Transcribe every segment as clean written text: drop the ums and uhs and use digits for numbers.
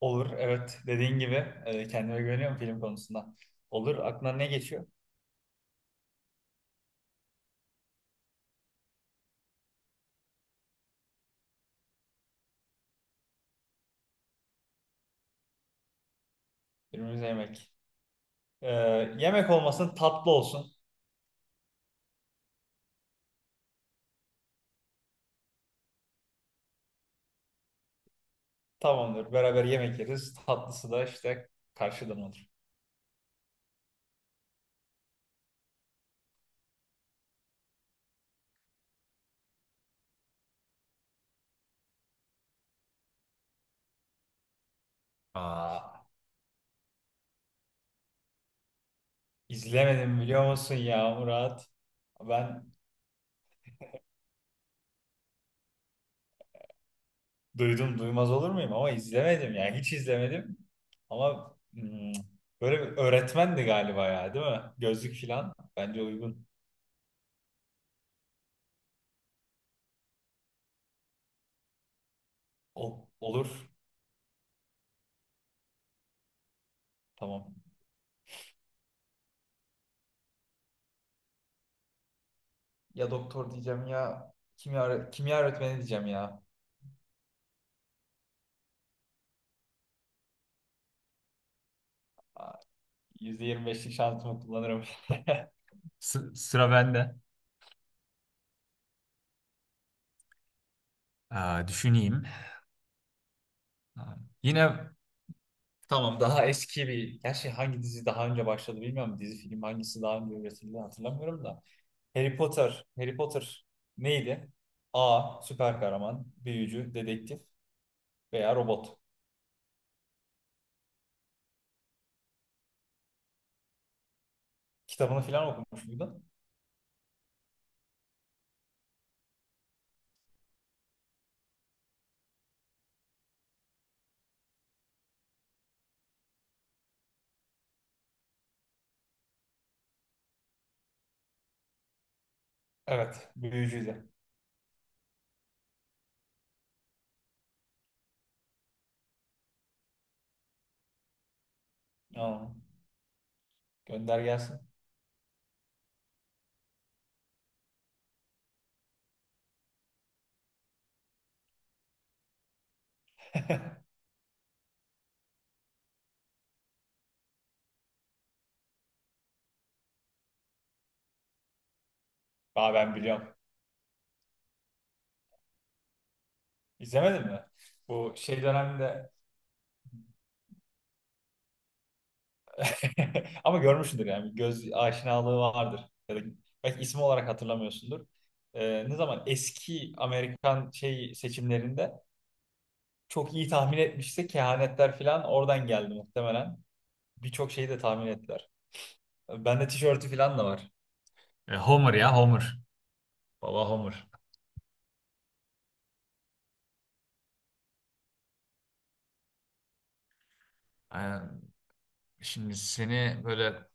Olur, evet. Dediğin gibi kendime güveniyorum film konusunda. Olur, aklına ne geçiyor? Önümüzde yemek. E, yemek olmasın, tatlı olsun. Tamamdır, beraber yemek yeriz. Tatlısı da işte karşıdan olur. Aa, izlemedim biliyor musun ya Murat? Ben duydum duymaz olur muyum ama izlemedim yani hiç izlemedim. Ama böyle bir öğretmendi galiba ya, değil mi? Gözlük falan bence uygun. Olur, tamam. Ya doktor diyeceğim ya kimya, kimya öğretmeni diyeceğim ya. %25'lik şansımı kullanırım. Sıra bende. Aa, düşüneyim. Aa, yine. Tamam, daha eski bir... Gerçi hangi dizi daha önce başladı bilmiyorum. Dizi film hangisi daha önce üretildi hatırlamıyorum da. Harry Potter. Harry Potter neydi? A. Süper kahraman, büyücü, dedektif veya robot. Kitabını falan okumuş muydun? Evet. Büyücüydü. Aa, gönder gelsin. Daha ben biliyorum. İzlemedin mi? Bu şey döneminde ama görmüşsündür yani bir göz aşinalığı vardır. Ya da belki ismi olarak hatırlamıyorsundur. Ne zaman eski Amerikan şey seçimlerinde çok iyi tahmin etmişse kehanetler falan oradan geldi muhtemelen. Birçok şeyi de tahmin ettiler. Bende tişörtü falan da var. E, Homer ya Homer. Baba Homer. Aynen. Şimdi seni böyle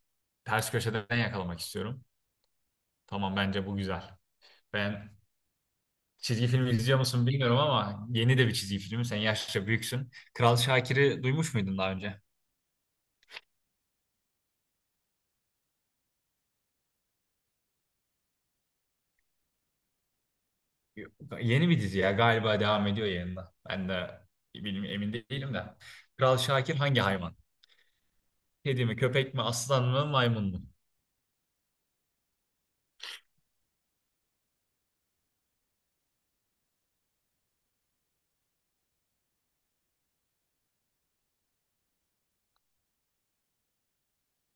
ters köşeden yakalamak istiyorum. Tamam, bence bu güzel. Ben. Çizgi film izliyor musun bilmiyorum ama yeni de bir çizgi filmi. Sen yaşça büyüksün. Kral Şakir'i duymuş muydun daha önce? Yok. Yeni bir dizi ya, galiba devam ediyor yayında. Ben de bilmiyorum, emin değilim de. Kral Şakir hangi hayvan? Kedi mi, köpek mi, aslan mı, maymun mu?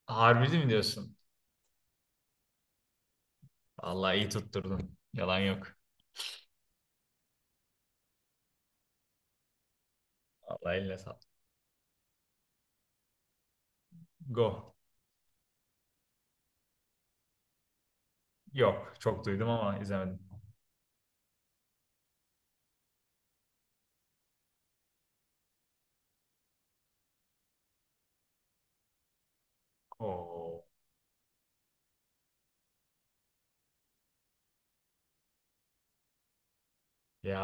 Harbi mi diyorsun? Vallahi iyi tutturdun. Yalan yok. Vallahi eline sağlık. Go. Yok. Çok duydum ama izlemedim. Oo. Ya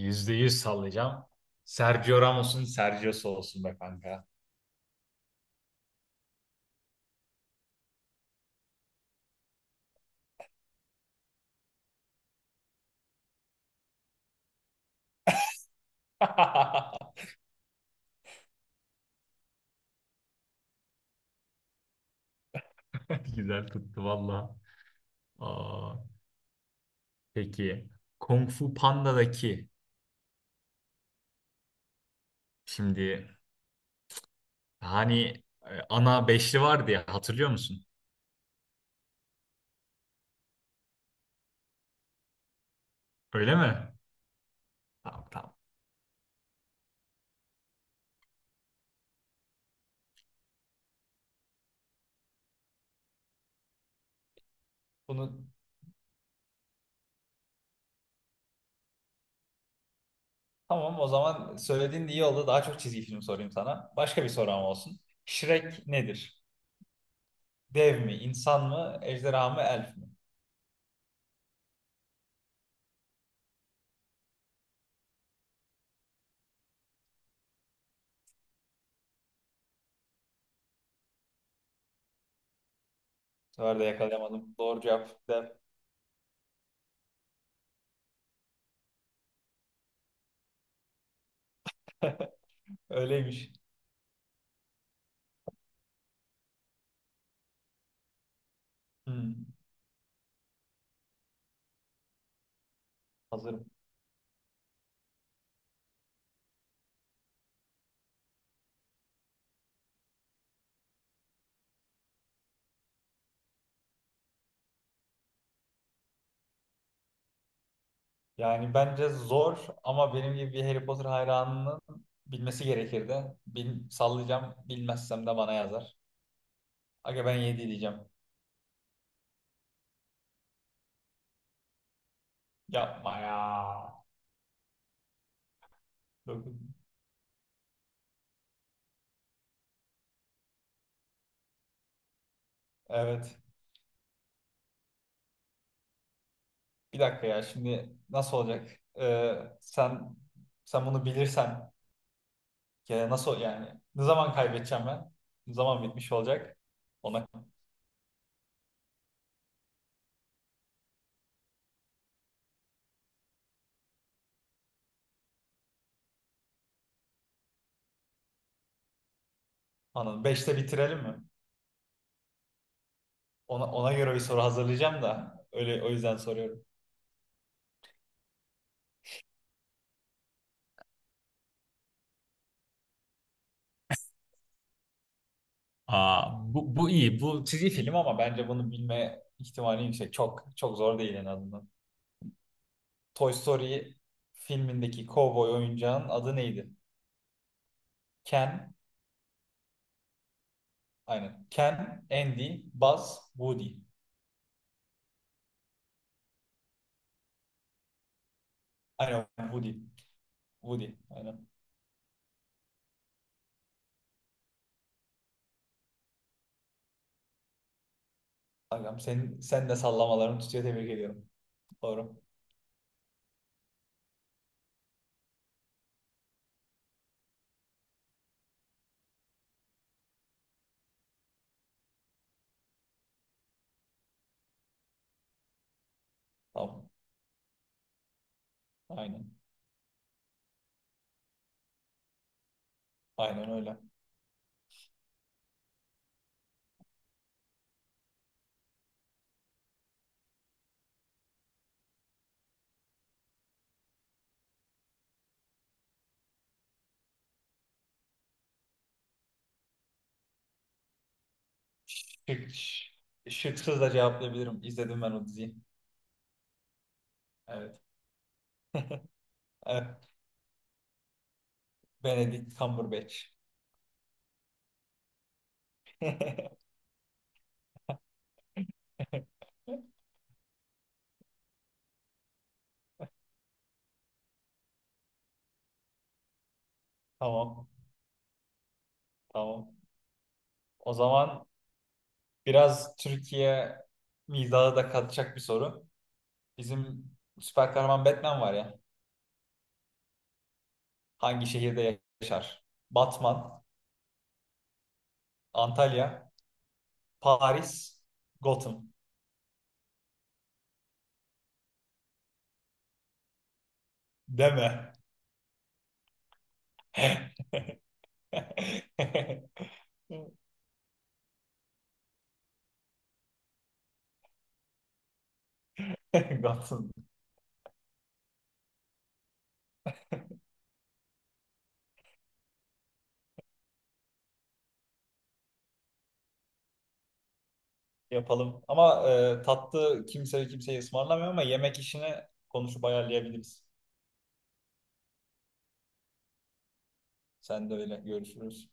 %100 sallayacağım. Sergio Ramos'un Sergio'su olsun be kanka. Güzel tuttu valla. Aa, peki. Kung Fu Panda'daki, şimdi hani ana beşli vardı ya, hatırlıyor musun? Öyle mi? Tamam, tamam. Bunu tamam, o zaman söylediğin de iyi oldu. Daha çok çizgi film sorayım sana. Başka bir sorum olsun. Shrek nedir? Dev mi, insan mı, ejderha mı, elf mi? Bu sefer de yakalayamadım. Doğru cevap da öyleymiş. Hmm. Hazırım. Yani bence zor ama benim gibi bir Harry Potter hayranının bilmesi gerekirdi. Bil, sallayacağım. Bilmezsem de bana yazar. Aga ben 7 diyeceğim. Yapma ya. 9. Evet. Bir dakika ya, şimdi nasıl olacak? Ee, sen sen bunu bilirsen ya nasıl yani? Ne zaman kaybedeceğim ben? Ne zaman bitmiş olacak? Ona anladım. Beşte bitirelim mi? Ona göre bir soru hazırlayacağım da öyle, o yüzden soruyorum. Aa, bu iyi. Bu çizgi film ama bence bunu bilme ihtimali yüksek. Çok çok zor değil en azından. Toy Story filmindeki kovboy oyuncağın adı neydi? Ken, aynen. Ken, Andy, Buzz, Woody. Aynen Woody. Woody, aynen. Aynen. Senin, sen de sallamalarını tutuyor. Tebrik ediyorum. Doğru. Tamam. Aynen. Aynen öyle. Şık, şıksız da cevaplayabilirim. İzledim ben o diziyi. Evet. Evet. Benedict Cumberbatch. Tamam. Tamam. O zaman biraz Türkiye mizahı da katacak bir soru. Bizim süper kahraman Batman var ya. Hangi şehirde yaşar? Batman, Antalya, Paris, Gotham. Deme. Gotham. Yapalım. Ama tatlı kimse kimseyi ısmarlamıyor ama yemek işini konuşup ayarlayabiliriz. Sen de öyle, görüşürüz.